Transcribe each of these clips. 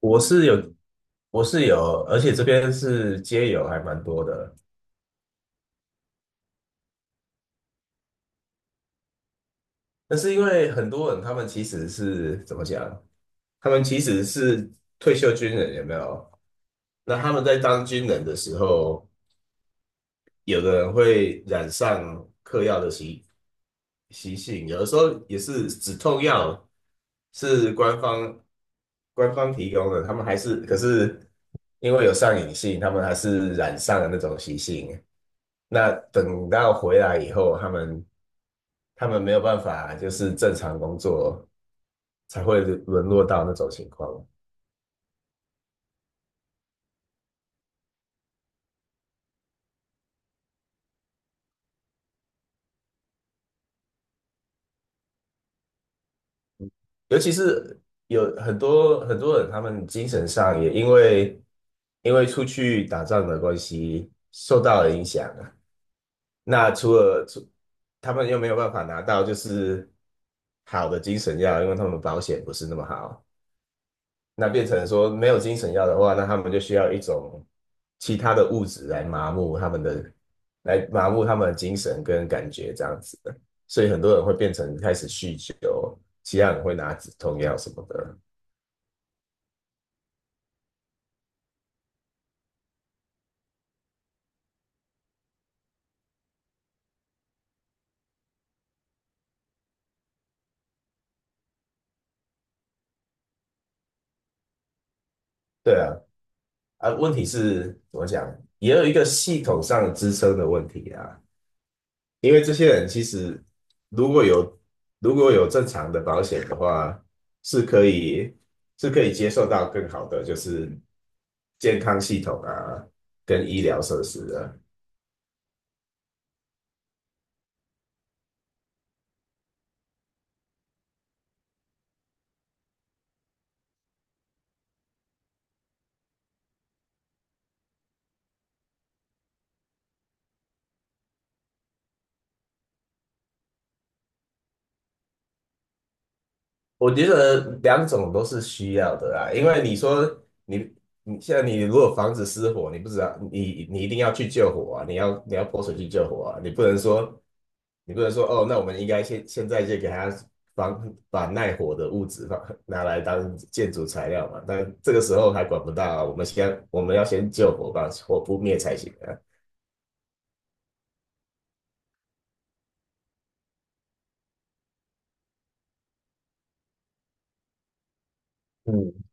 我是有，我是有，而且这边是街友还蛮多的。但是因为很多人他们其实是怎么讲？他们其实是退休军人，有没有？那他们在当军人的时候，有的人会染上嗑药的习性，有的时候也是止痛药是官方提供的，他们还是可是因为有上瘾性，他们还是染上了那种习性。那等到回来以后，他们没有办法就是正常工作，才会沦落到那种情况。尤其是有很多很多人，他们精神上也因为出去打仗的关系受到了影响啊。那除了除他们又没有办法拿到就是好的精神药，因为他们保险不是那么好。那变成说没有精神药的话，那他们就需要一种其他的物质来麻木他们的，来麻木他们的精神跟感觉这样子的。所以很多人会变成开始酗酒，其他人会拿止痛药什么的。对啊，啊，问题是怎么讲，也有一个系统上支撑的问题啊。因为这些人其实如果有如果有正常的保险的话，是可以是可以接受到更好的就是健康系统啊，跟医疗设施啊。我觉得两种都是需要的啊。因为你说你你现在你如果房子失火，你不知道你你一定要去救火啊，你要泼水去救火啊，你不能说哦，那我们应该现在就给他耐火的物质拿来当建筑材料嘛，但这个时候还管不到啊，我们要先救火，把火扑灭才行啊。嗯。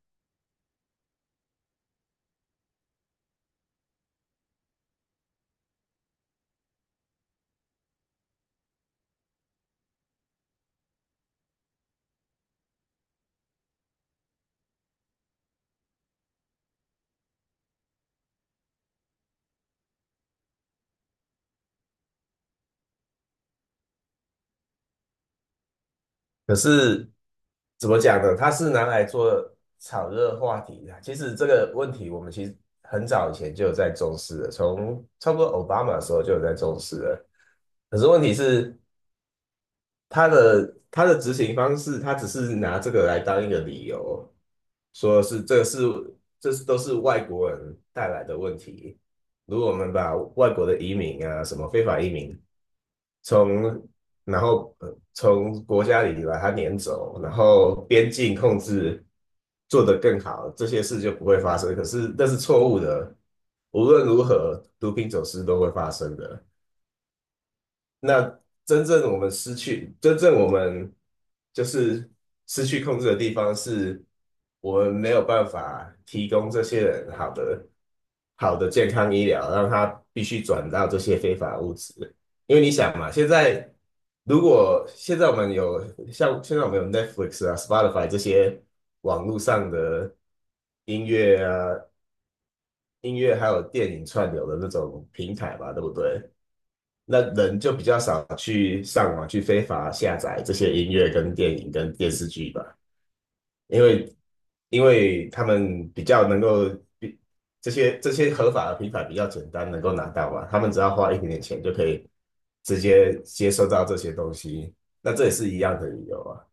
可是怎么讲呢？它是拿来做炒热话题的。其实这个问题，我们其实很早以前就有在重视了，从差不多奥巴马的时候就有在重视了。可是问题是，他的执行方式，他只是拿这个来当一个理由，说是这是都是外国人带来的问题。如果我们把外国的移民啊，什么非法移民从然后从国家里把它撵走，然后边境控制做得更好，这些事就不会发生。可是那是错误的，无论如何，毒品走私都会发生的。那真正我们就是失去控制的地方是，我们没有办法提供这些人好的健康医疗，让他必须转到这些非法物质。因为你想嘛，现在如果现在我们有像现在我们有 Netflix 啊、Spotify 这些网络上的音乐啊、音乐还有电影串流的那种平台吧，对不对？那人就比较少去上网去非法下载这些音乐、跟电影、跟电视剧吧，因为因为他们比较能够比这些合法的平台比较简单能够拿到嘛，他们只要花一点点钱就可以直接接收到这些东西，那这也是一样的理由啊。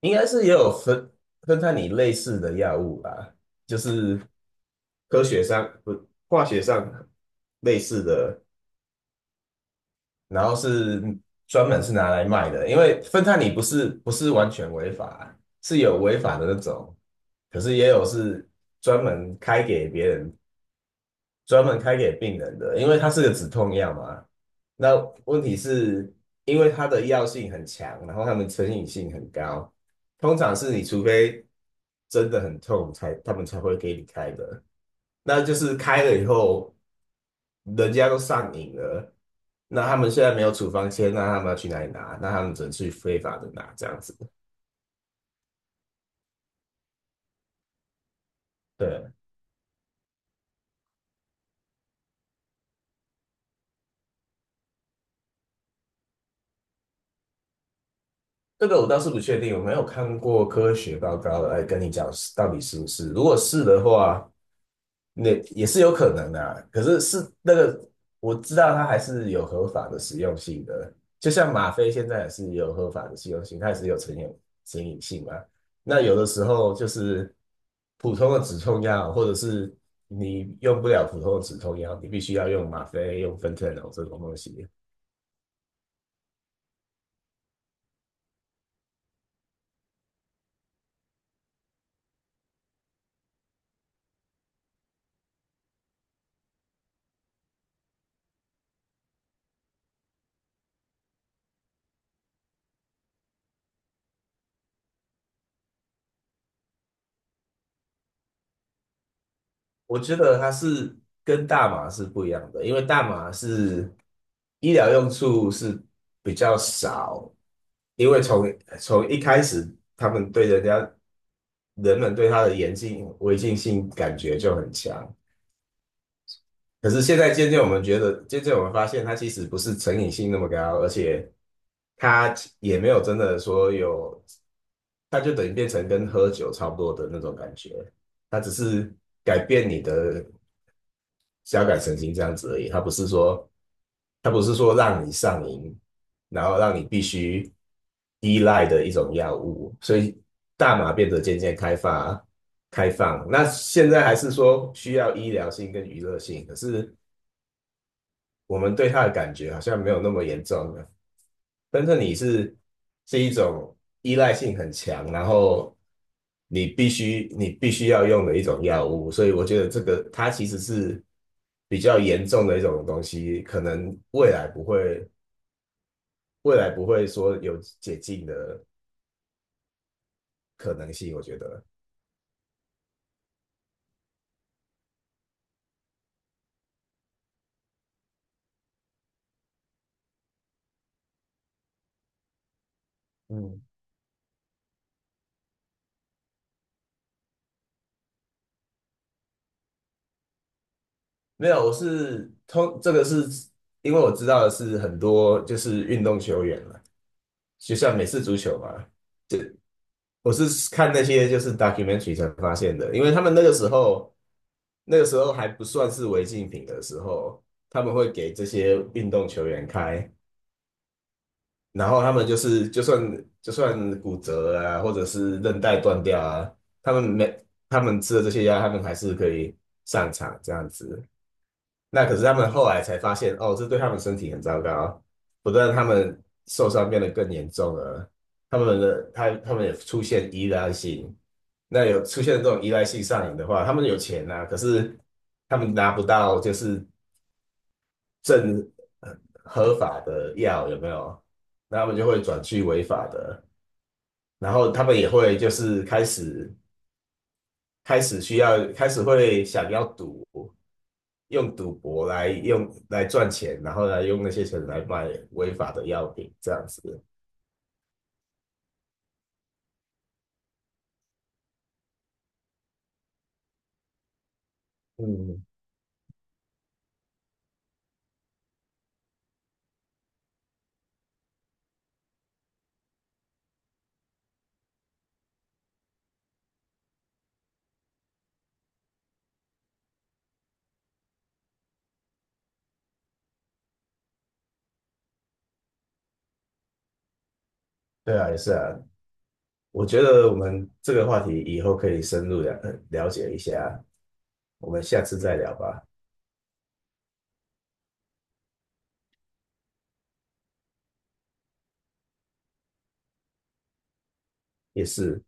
应该是也有分分开你类似的药物吧，就是科学上不化学上类似的然后是专门是拿来卖的，因为芬太尼不是完全违法，是有违法的那种，可是也有是专门开给别人、专门开给病人的，因为它是个止痛药嘛。那问题是因为它的药性很强，然后它们成瘾性很高，通常是除非真的很痛才，他们才会给你开的。那就是开了以后。人家都上瘾了，那他们现在没有处方签，那他们要去哪里拿？那他们只能去非法的拿这样子。对，这个我倒是不确定，我没有看过科学报告来跟你讲是到底是不是。如果是的话，那也是有可能的啊，可是我知道它还是有合法的实用性的，就像吗啡现在也是有合法的实用性，它也是有成瘾性嘛。那有的时候就是普通的止痛药，或者是你用不了普通的止痛药，你必须要用吗啡、用芬太柔这种东西。我觉得它是跟大麻是不一样的，因为大麻是医疗用处是比较少，因为从一开始他们对人家人们对它的严禁违禁性感觉就很强，可是现在渐渐我们觉得，渐渐我们发现它其实不是成瘾性那么高，而且它也没有真的说有，它就等于变成跟喝酒差不多的那种感觉，它只是改变你的。交感神经这样子而已，它不是说让你上瘾，然后让你必须依赖的一种药物，所以大麻变得渐渐开放。那现在还是说需要医疗性跟娱乐性，可是我们对它的感觉好像没有那么严重了。但是你是是一种依赖性很强，然后你必须要用的一种药物，所以我觉得这个它其实是比较严重的一种东西，可能未来不会说有解禁的可能性，我觉得。嗯，没有，我是通这个是因为我知道的是很多就是运动球员了，就像美式足球嘛，我是看那些就是 documentary 才发现的，因为他们那个时候，那个时候还不算是违禁品的时候，他们会给这些运动球员开，然后他们就是就算骨折啊，或者是韧带断掉啊，他们没他们吃了这些药，他们还是可以上场这样子。那可是他们后来才发现，哦，这对他们身体很糟糕，不但他们受伤变得更严重了，他们也出现依赖性。那有出现这种依赖性上瘾的话，他们有钱呐、可是他们拿不到就是正呃合法的药，有没有？那他们就会转去违法的，然后他们也会就是开始会想要赌，用来赚钱，然后来用那些钱来卖违法的药品，这样子。嗯，对啊，也是啊。我觉得我们这个话题以后可以深入了呃了解一下，我们下次再聊吧。也是。